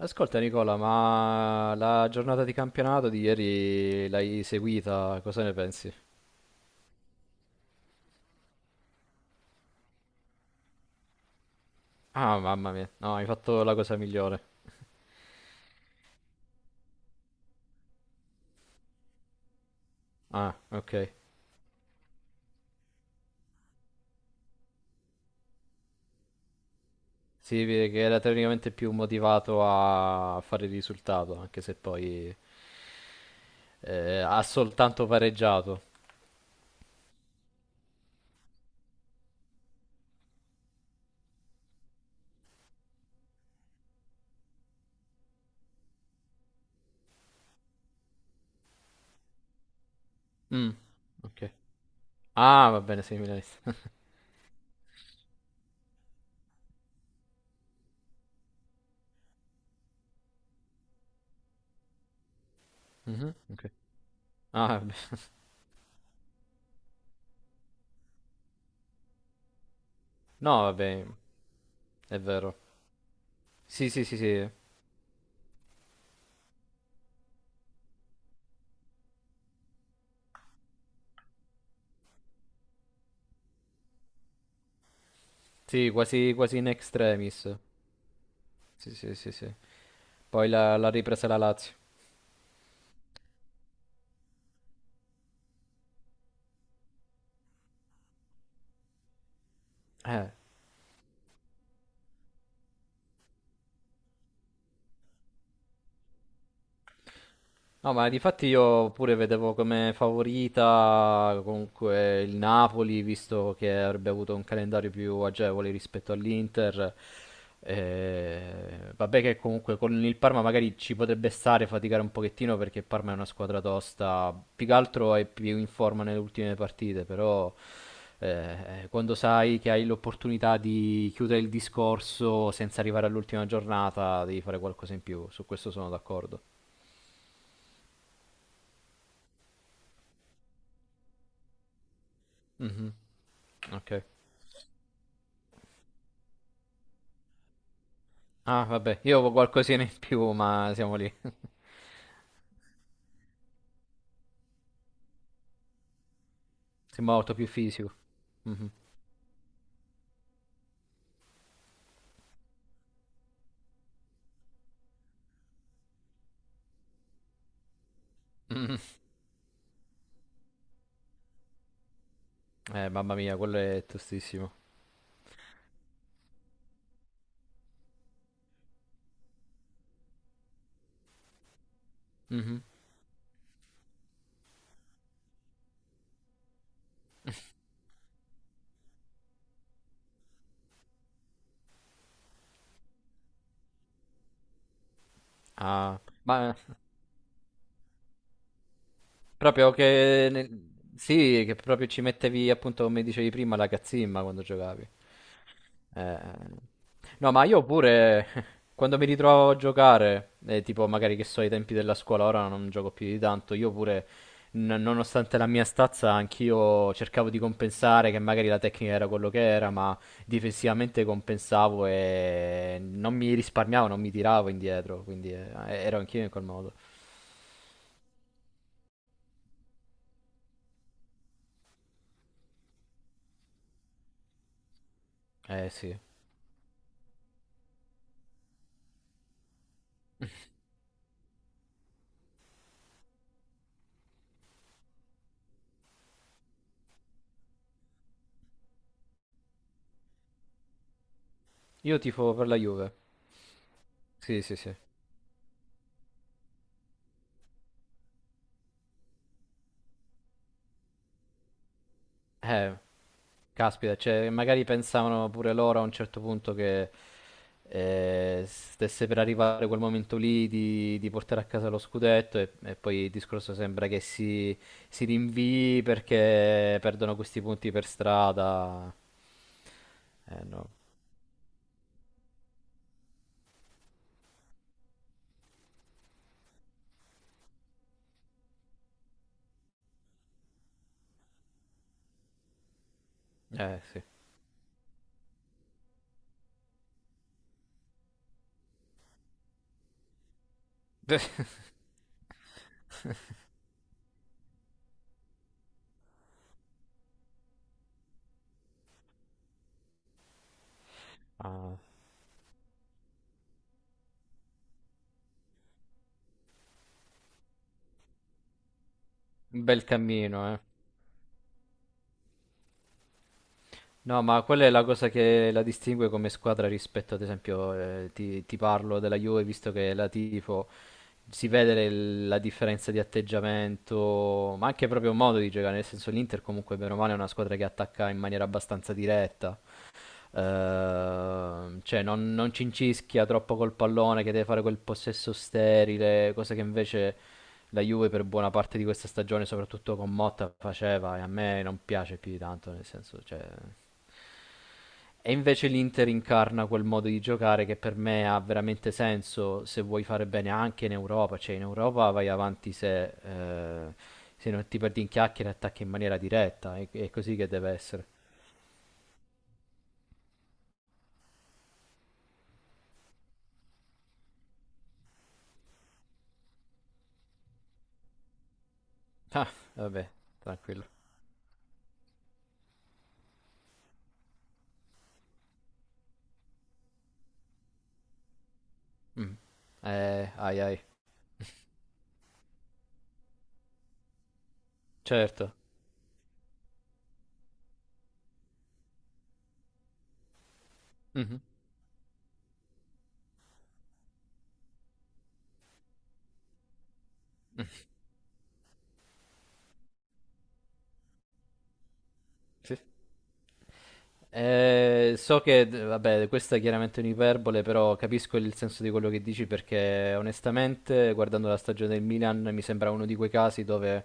Ascolta Nicola, ma la giornata di campionato di ieri l'hai seguita, cosa ne pensi? Ah, mamma mia, no, hai fatto la cosa migliore. Ah, ok. Si vede che era teoricamente più motivato a fare il risultato, anche se poi ha soltanto pareggiato. Mm, ok. Ah, va bene, sei milanista. Mhm, ok. Ah, vabbè. No, vabbè, è vero. Sì, sì, sì, sì. Sì, quasi, quasi in extremis. Sì, sì, sì, sì. Poi l'ha ripresa la Lazio. Eh, No, ma difatti io pure vedevo come favorita comunque il Napoli, visto che avrebbe avuto un calendario più agevole rispetto all'Inter. Vabbè che comunque con il Parma magari ci potrebbe stare faticare un pochettino perché il Parma è una squadra tosta, più che altro è più in forma nelle ultime partite, però quando sai che hai l'opportunità di chiudere il discorso senza arrivare all'ultima giornata, devi fare qualcosa in più, su questo sono d'accordo. Mhm. Ok. Ah, vabbè, io avevo qualcosina in più, ma siamo lì. Sembra molto più fisico. Mhm. Mhm. Mamma mia, quello è tostissimo. Mhm. Ah, ma proprio che... nel- Sì, che proprio ci mettevi, appunto, come dicevi prima, la cazzimma quando giocavi. Eh, No, ma io pure quando mi ritrovo a giocare, tipo magari che so ai tempi della scuola, ora non gioco più di tanto, io pure, n- nonostante la mia stazza, anch'io cercavo di compensare che magari la tecnica era quello che era, ma difensivamente compensavo e non mi risparmiavo, non mi tiravo indietro, quindi ero anch'io in quel modo. Eh sì. Io tifo per la Juve. Sì, sì, sì. Eh, caspita, cioè, magari pensavano pure loro a un certo punto che stesse per arrivare quel momento lì di portare a casa lo scudetto e poi il discorso sembra che si rinvii perché perdono questi punti per strada. Eh no, eh sì. Ah, un bel cammino, eh. No, ma quella è la cosa che la distingue come squadra rispetto, ad esempio, ti, ti parlo della Juve, visto che la tifo, si vede le- la differenza di atteggiamento, ma anche proprio modo di giocare, nel senso l'Inter comunque bene o male è una squadra che attacca in maniera abbastanza diretta. Cioè non, non cincischia troppo col pallone che deve fare quel possesso sterile, cosa che invece la Juve per buona parte di questa stagione, soprattutto con Motta, faceva e a me non piace più di tanto, nel senso, cioè... E invece l'Inter incarna quel modo di giocare che per me ha veramente senso se vuoi fare bene anche in Europa, cioè in Europa vai avanti se, se non ti perdi in chiacchiere e attacchi in maniera diretta, è così che deve essere. Ah, vabbè, tranquillo. Mm. Ai ai. Certo. Mhm. Sì. So che, d- vabbè, questa è chiaramente un'iperbole, però capisco il senso di quello che dici perché onestamente, guardando la stagione del Milan, mi sembra uno di quei casi dove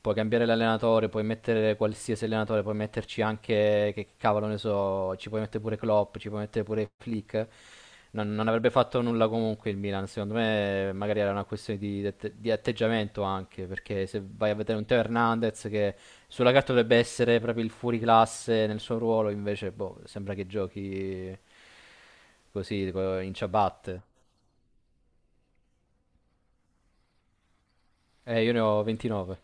puoi cambiare l'allenatore, puoi mettere qualsiasi allenatore, puoi metterci anche, che cavolo ne so, ci puoi mettere pure Klopp, ci puoi mettere pure Flick. Non, non avrebbe fatto nulla comunque il Milan, secondo me magari era una questione di atte- di atteggiamento anche, perché se vai a vedere un Teo Hernandez che sulla carta dovrebbe essere proprio il fuoriclasse nel suo ruolo, invece boh, sembra che giochi così co- in ciabatte. Io ne ho 29.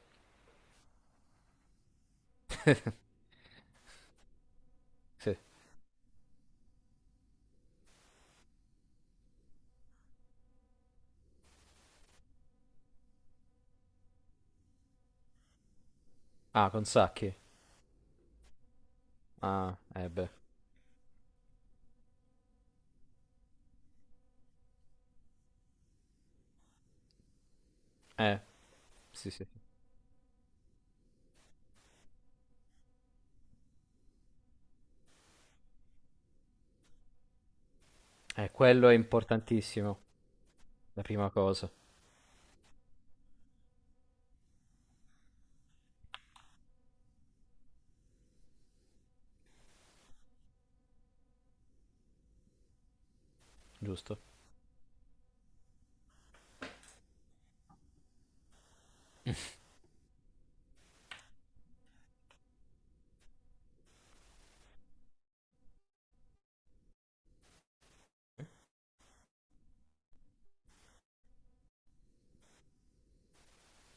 Sì. Ah, con Sacchi. Ah, eh beh. Eh, sì, sì. Quello è importantissimo, la prima cosa, giusto?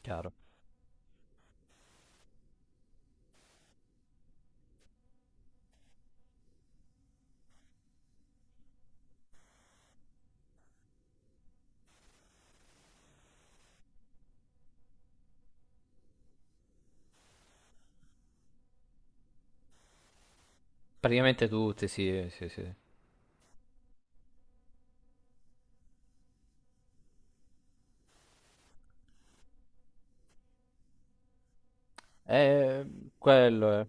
Chiaro. Praticamente tutti, sì, sì, sì. Eh, quello è.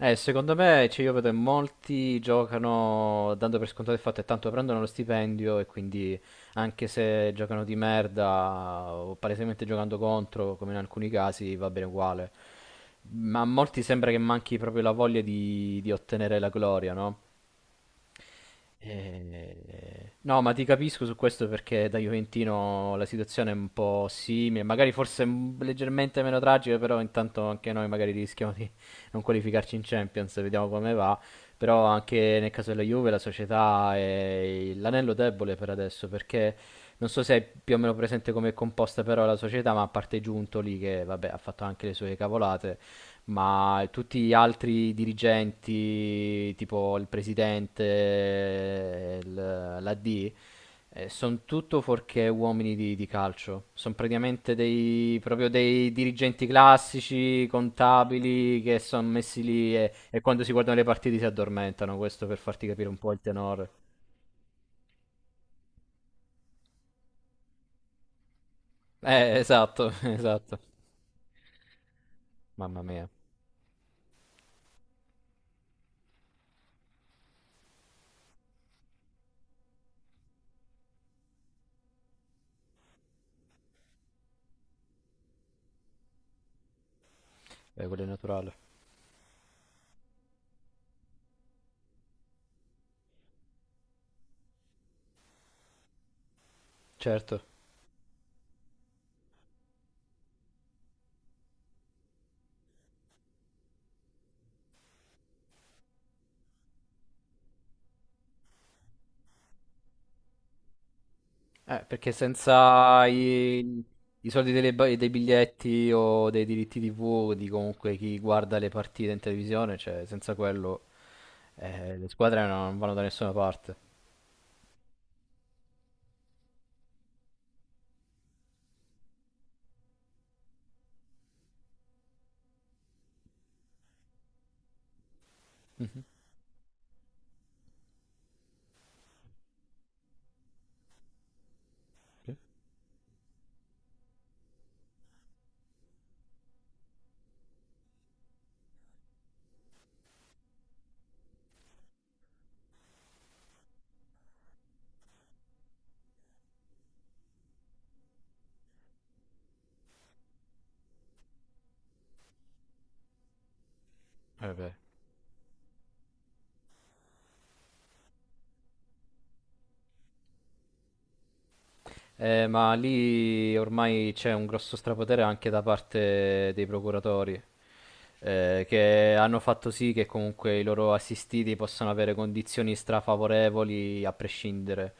Secondo me, cioè, io vedo che molti giocano dando per scontato il fatto che tanto prendono lo stipendio e quindi anche se giocano di merda o palesemente giocando contro, come in alcuni casi, va bene uguale. Ma a molti sembra che manchi proprio la voglia di ottenere la gloria, no? No, ma ti capisco su questo perché da Juventino la situazione è un po' simile, magari forse m- leggermente meno tragica, però intanto anche noi magari rischiamo di non qualificarci in Champions, vediamo come va. Però anche nel caso della Juve la società è l'anello debole per adesso, perché non so se hai più o meno presente come è composta però la società, ma a parte Giuntoli che vabbè ha fatto anche le sue cavolate, ma tutti gli altri dirigenti, tipo il presidente, il- l'AD, sono tutto fuorché uomini di calcio. Sono praticamente dei, proprio dei dirigenti classici, contabili, che sono messi lì e quando si guardano le partite si addormentano. Questo per farti capire un po' il tenore. Esatto, esatto. Mamma mia, è quello è naturale. Certo. Perché senza i, i soldi delle ba- dei biglietti o dei diritti TV di comunque chi guarda le partite in televisione, cioè senza quello le squadre non vanno da nessuna parte. Sì. Eh beh. Ma lì ormai c'è un grosso strapotere anche da parte dei procuratori, che hanno fatto sì che comunque i loro assistiti possano avere condizioni strafavorevoli a prescindere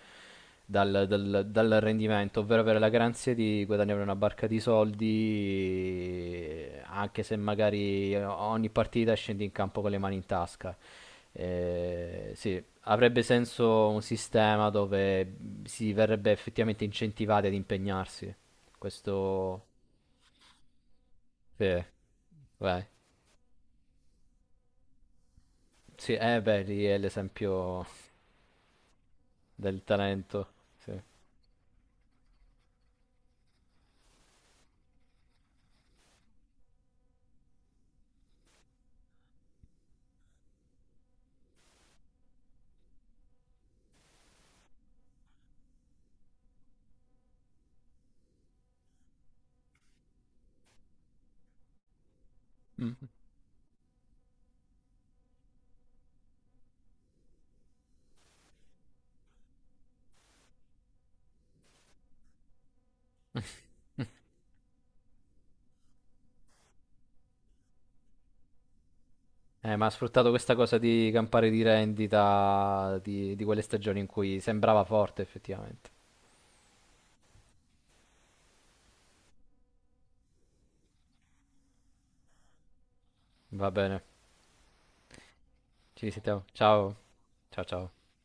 dal, dal- dal rendimento, ovvero avere la garanzia di guadagnare una barca di soldi, anche se magari ogni partita scendi in campo con le mani in tasca. Sì, avrebbe senso un sistema dove si verrebbe effettivamente incentivati ad impegnarsi. Questo, sì, vai. Sì, beh, lì è l'esempio del talento. Sì. Mm. Ma ha sfruttato questa cosa di campare di rendita di quelle stagioni in cui sembrava forte effettivamente. Va bene, ci sentiamo. Ciao, ciao, ciao.